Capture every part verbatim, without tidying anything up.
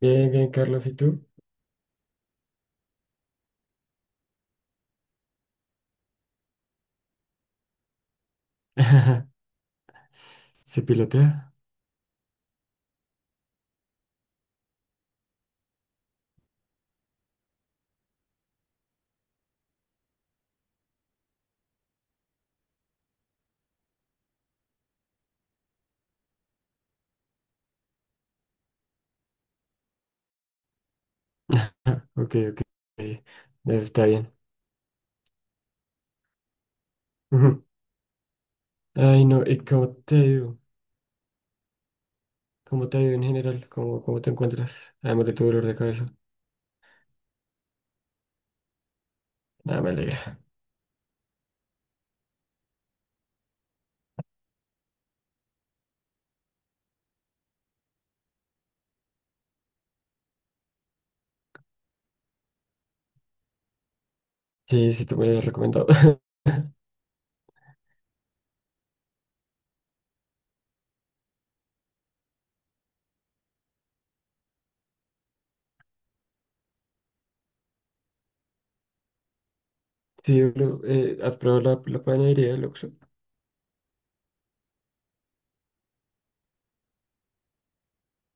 Bien, bien, Carlos, ¿y tú? ¿Se pilotea? Ok, ok. Eso está bien. Ujú. Ay, no, ¿y cómo te ha ido? ¿Cómo te ha ido en general? ¿Cómo, cómo te encuentras? Además de tu dolor de cabeza. Nada, me alegra. Sí, sí, te me lo habías recomendado. Sí, bro, eh, ¿has probado la, la panadería del Oxxo?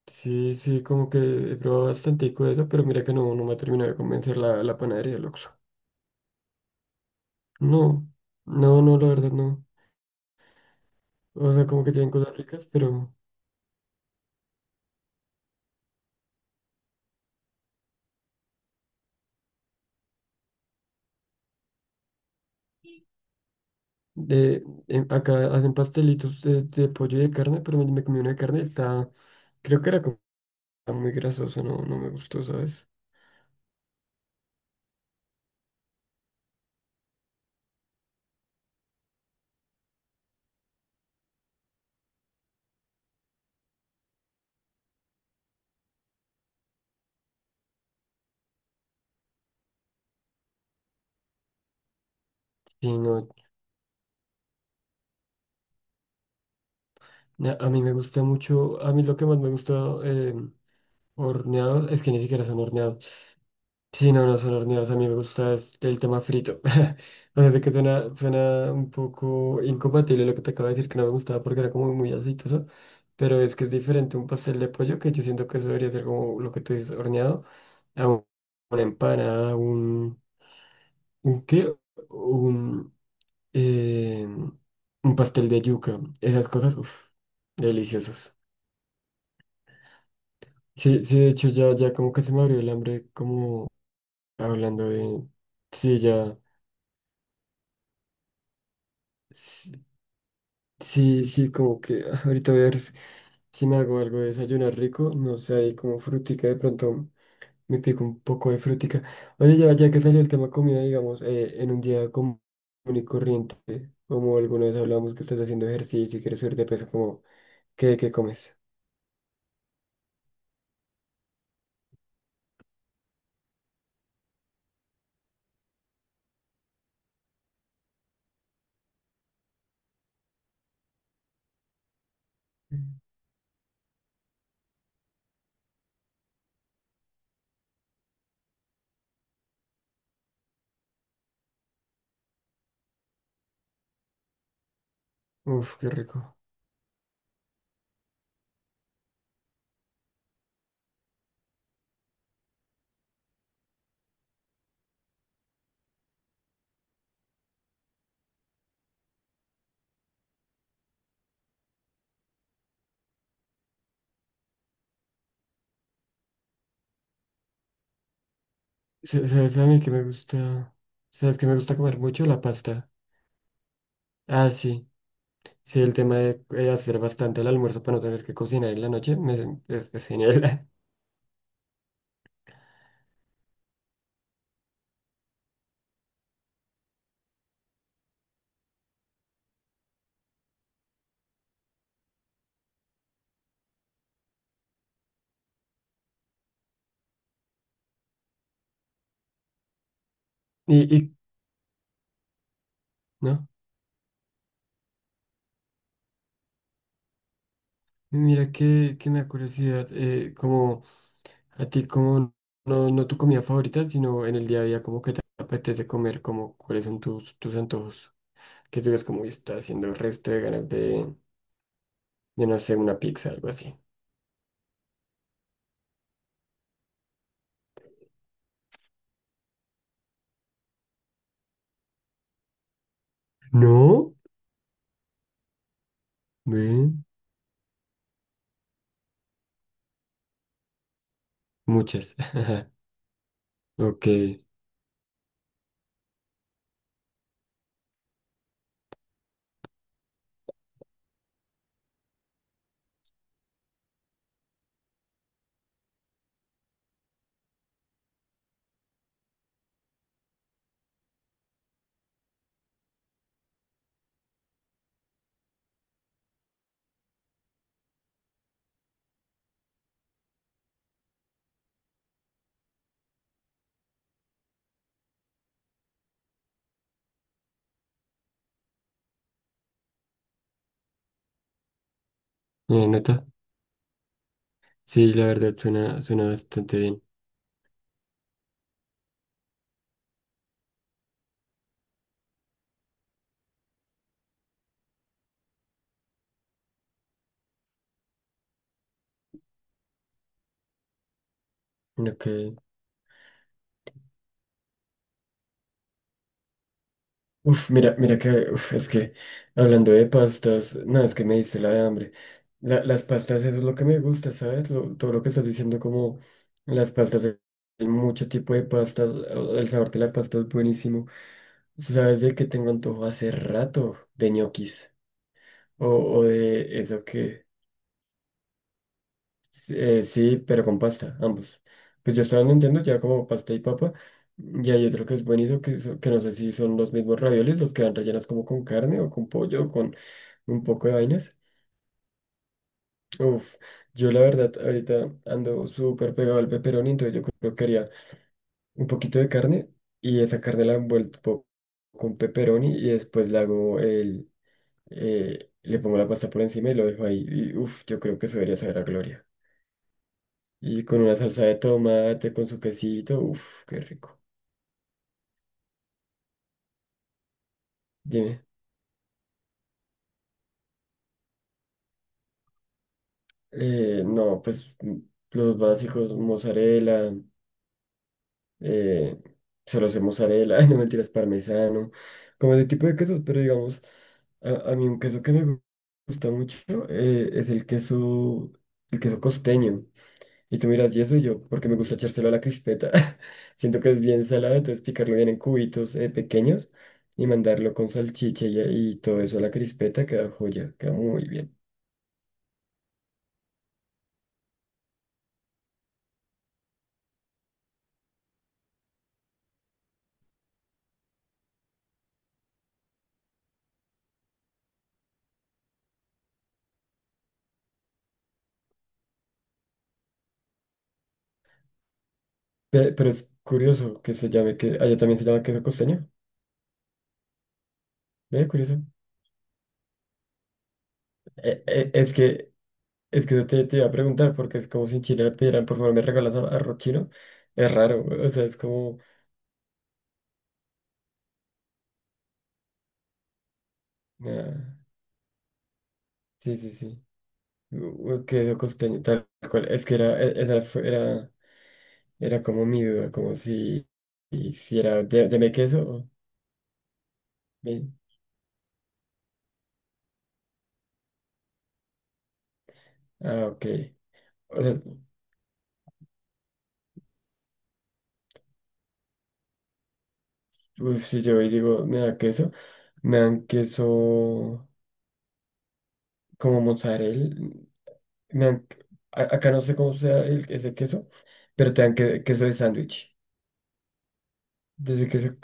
Sí, sí, como que he probado bastante de eso, pero mira que no, no me ha terminado de convencer la, la panadería del Oxxo. No, no, no, la verdad no. O sea, como que tienen cosas ricas, pero... De, em, acá hacen pastelitos de, de pollo y de carne, pero me, me comí una de carne y estaba, creo que era como muy grasosa, no, no me gustó, ¿sabes? Sí, no, na- a mí me gusta mucho, a mí lo que más me gusta eh, horneados, es que ni siquiera son horneados. Sí, no, no son horneados. A mí me gusta es el tema frito. O sea, sé si que suena, suena un poco incompatible lo que te acabo de decir, que no me gustaba porque era como muy aceitoso. Pero es que es diferente un pastel de pollo, que yo siento que eso debería ser como lo que tú dices, horneado, a un- una empanada, un, un qué, un, eh, un pastel de yuca. Esas cosas, uff, deliciosos. Sí, sí, de hecho ya, ya como que se me abrió el hambre, como hablando de... Sí, ya. Sí, sí, como que ah, ahorita voy a ver si me hago algo de desayunar rico, no sé, ahí como frutica, de pronto me pico un poco de frutica. Oye, ya, ya que salió el tema comida, digamos, eh, en un día común y corriente, como alguna vez hablamos que estás haciendo ejercicio y quieres subir de peso, como, ¿qué, qué comes? Uf, qué rico. Sa- ¿Sabes a mí que me gusta? ¿Sabes que me gusta comer mucho? La pasta. Ah, sí. Sí, el tema de eh, hacer bastante el almuerzo para no tener que cocinar en la noche, me, es, es genial. Y, y, ¿no? Mira que, que me da curiosidad, eh, como a ti, como no, no tu comida favorita, sino en el día a día, como que te apetece comer, como cuáles son tus, tus antojos, que tú ves como está haciendo el resto de ganas de, de no sé, una pizza, algo así. No, ve, muchas. Ok, ¿una nota? Sí, la verdad suena, suena bastante bien. Ok. Uf, mira, mira que, uf, es que hablando de pastas, no, es que me dice la de hambre. La- las pastas, eso es lo que me gusta, ¿sabes? Lo- todo lo que estás diciendo, como las pastas, hay mucho tipo de pastas, o- el sabor de la pasta es buenísimo. ¿Sabes de qué tengo antojo hace rato? De ñoquis, o, o de eso que, eh, sí, pero con pasta, ambos. Pues yo estaba entendiendo ya como pasta y papa, y hay otro que es buenísimo, que, so- que no sé si son los mismos raviolis, los que van rellenos como con carne o con pollo o con... un poco de vainas. Uf, yo la verdad ahorita ando súper pegado al pepperoni, entonces yo creo que haría un poquito de carne y esa carne la envuelvo con pepperoni y después le hago el, eh, le pongo la pasta por encima y lo dejo ahí. Y uf, yo creo que eso debería saber a gloria. Y con una salsa de tomate, con su quesito, uf, qué rico. Dime. Eh, no, pues mm, los básicos, mozzarella. Eh, solo sé mozzarella, no mentiras, parmesano, como ese tipo de quesos, pero digamos, a, a mí un queso que me gu- gusta mucho eh, es el queso, el queso costeño. Y tú miras, y eso y yo, porque me gusta echárselo a la crispeta. Siento que es bien salado, entonces picarlo bien en cubitos eh, pequeños y mandarlo con salchicha y, y todo eso a la crispeta queda joya, queda muy bien. Pe- pero es curioso que se llame, que allá también se llama queso costeño. Ve, curioso. Eh, eh, es que Es que eso te, te iba a preguntar, porque es como si en Chile le pidieran, por favor, me regalas ar- arroz chino. Es raro, o sea, es como. Ah, sí, sí, sí. u- u- Queso costeño, tal cual. Es que era, e- esa fue- era, era como mi duda, como si, y si era, de, deme queso o. de- ah, ok. O sea, uf, si yo hoy digo, me da queso, me dan queso como mozzarella. Me dan, a- acá no sé cómo sea el, ese queso, pero te dan que- queso de sándwich. Desde que se-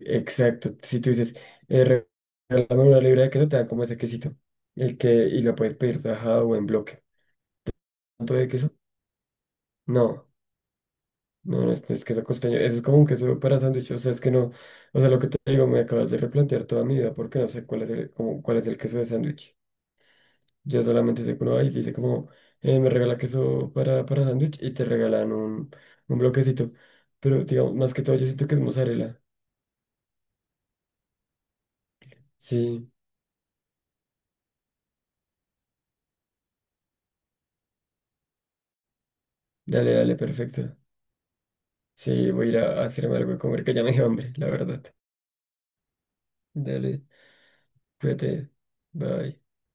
Exacto. Si tú dices, eh, re- regálame una libra de queso, te dan como ese quesito. El que... Y lo puedes pedir tajado o en bloque. ¿Cuánto de queso? No. No, no es, no es queso costeño. Eso es como un queso para sándwich. O sea, es que no. O sea, lo que te digo, me acabas de replantear toda mi vida porque no sé cuál es el, como, cuál es el queso de sándwich. Yo solamente sé que uno va y dice como, eh, me regala queso para, para sándwich y te regalan un, un bloquecito. Pero digamos, más que todo, yo siento que es mozzarella. Sí. Dale, dale, perfecto. Sí, voy a ir a hacerme algo de comer, que ya me dio hambre, la verdad. Dale, cuídate. Bye.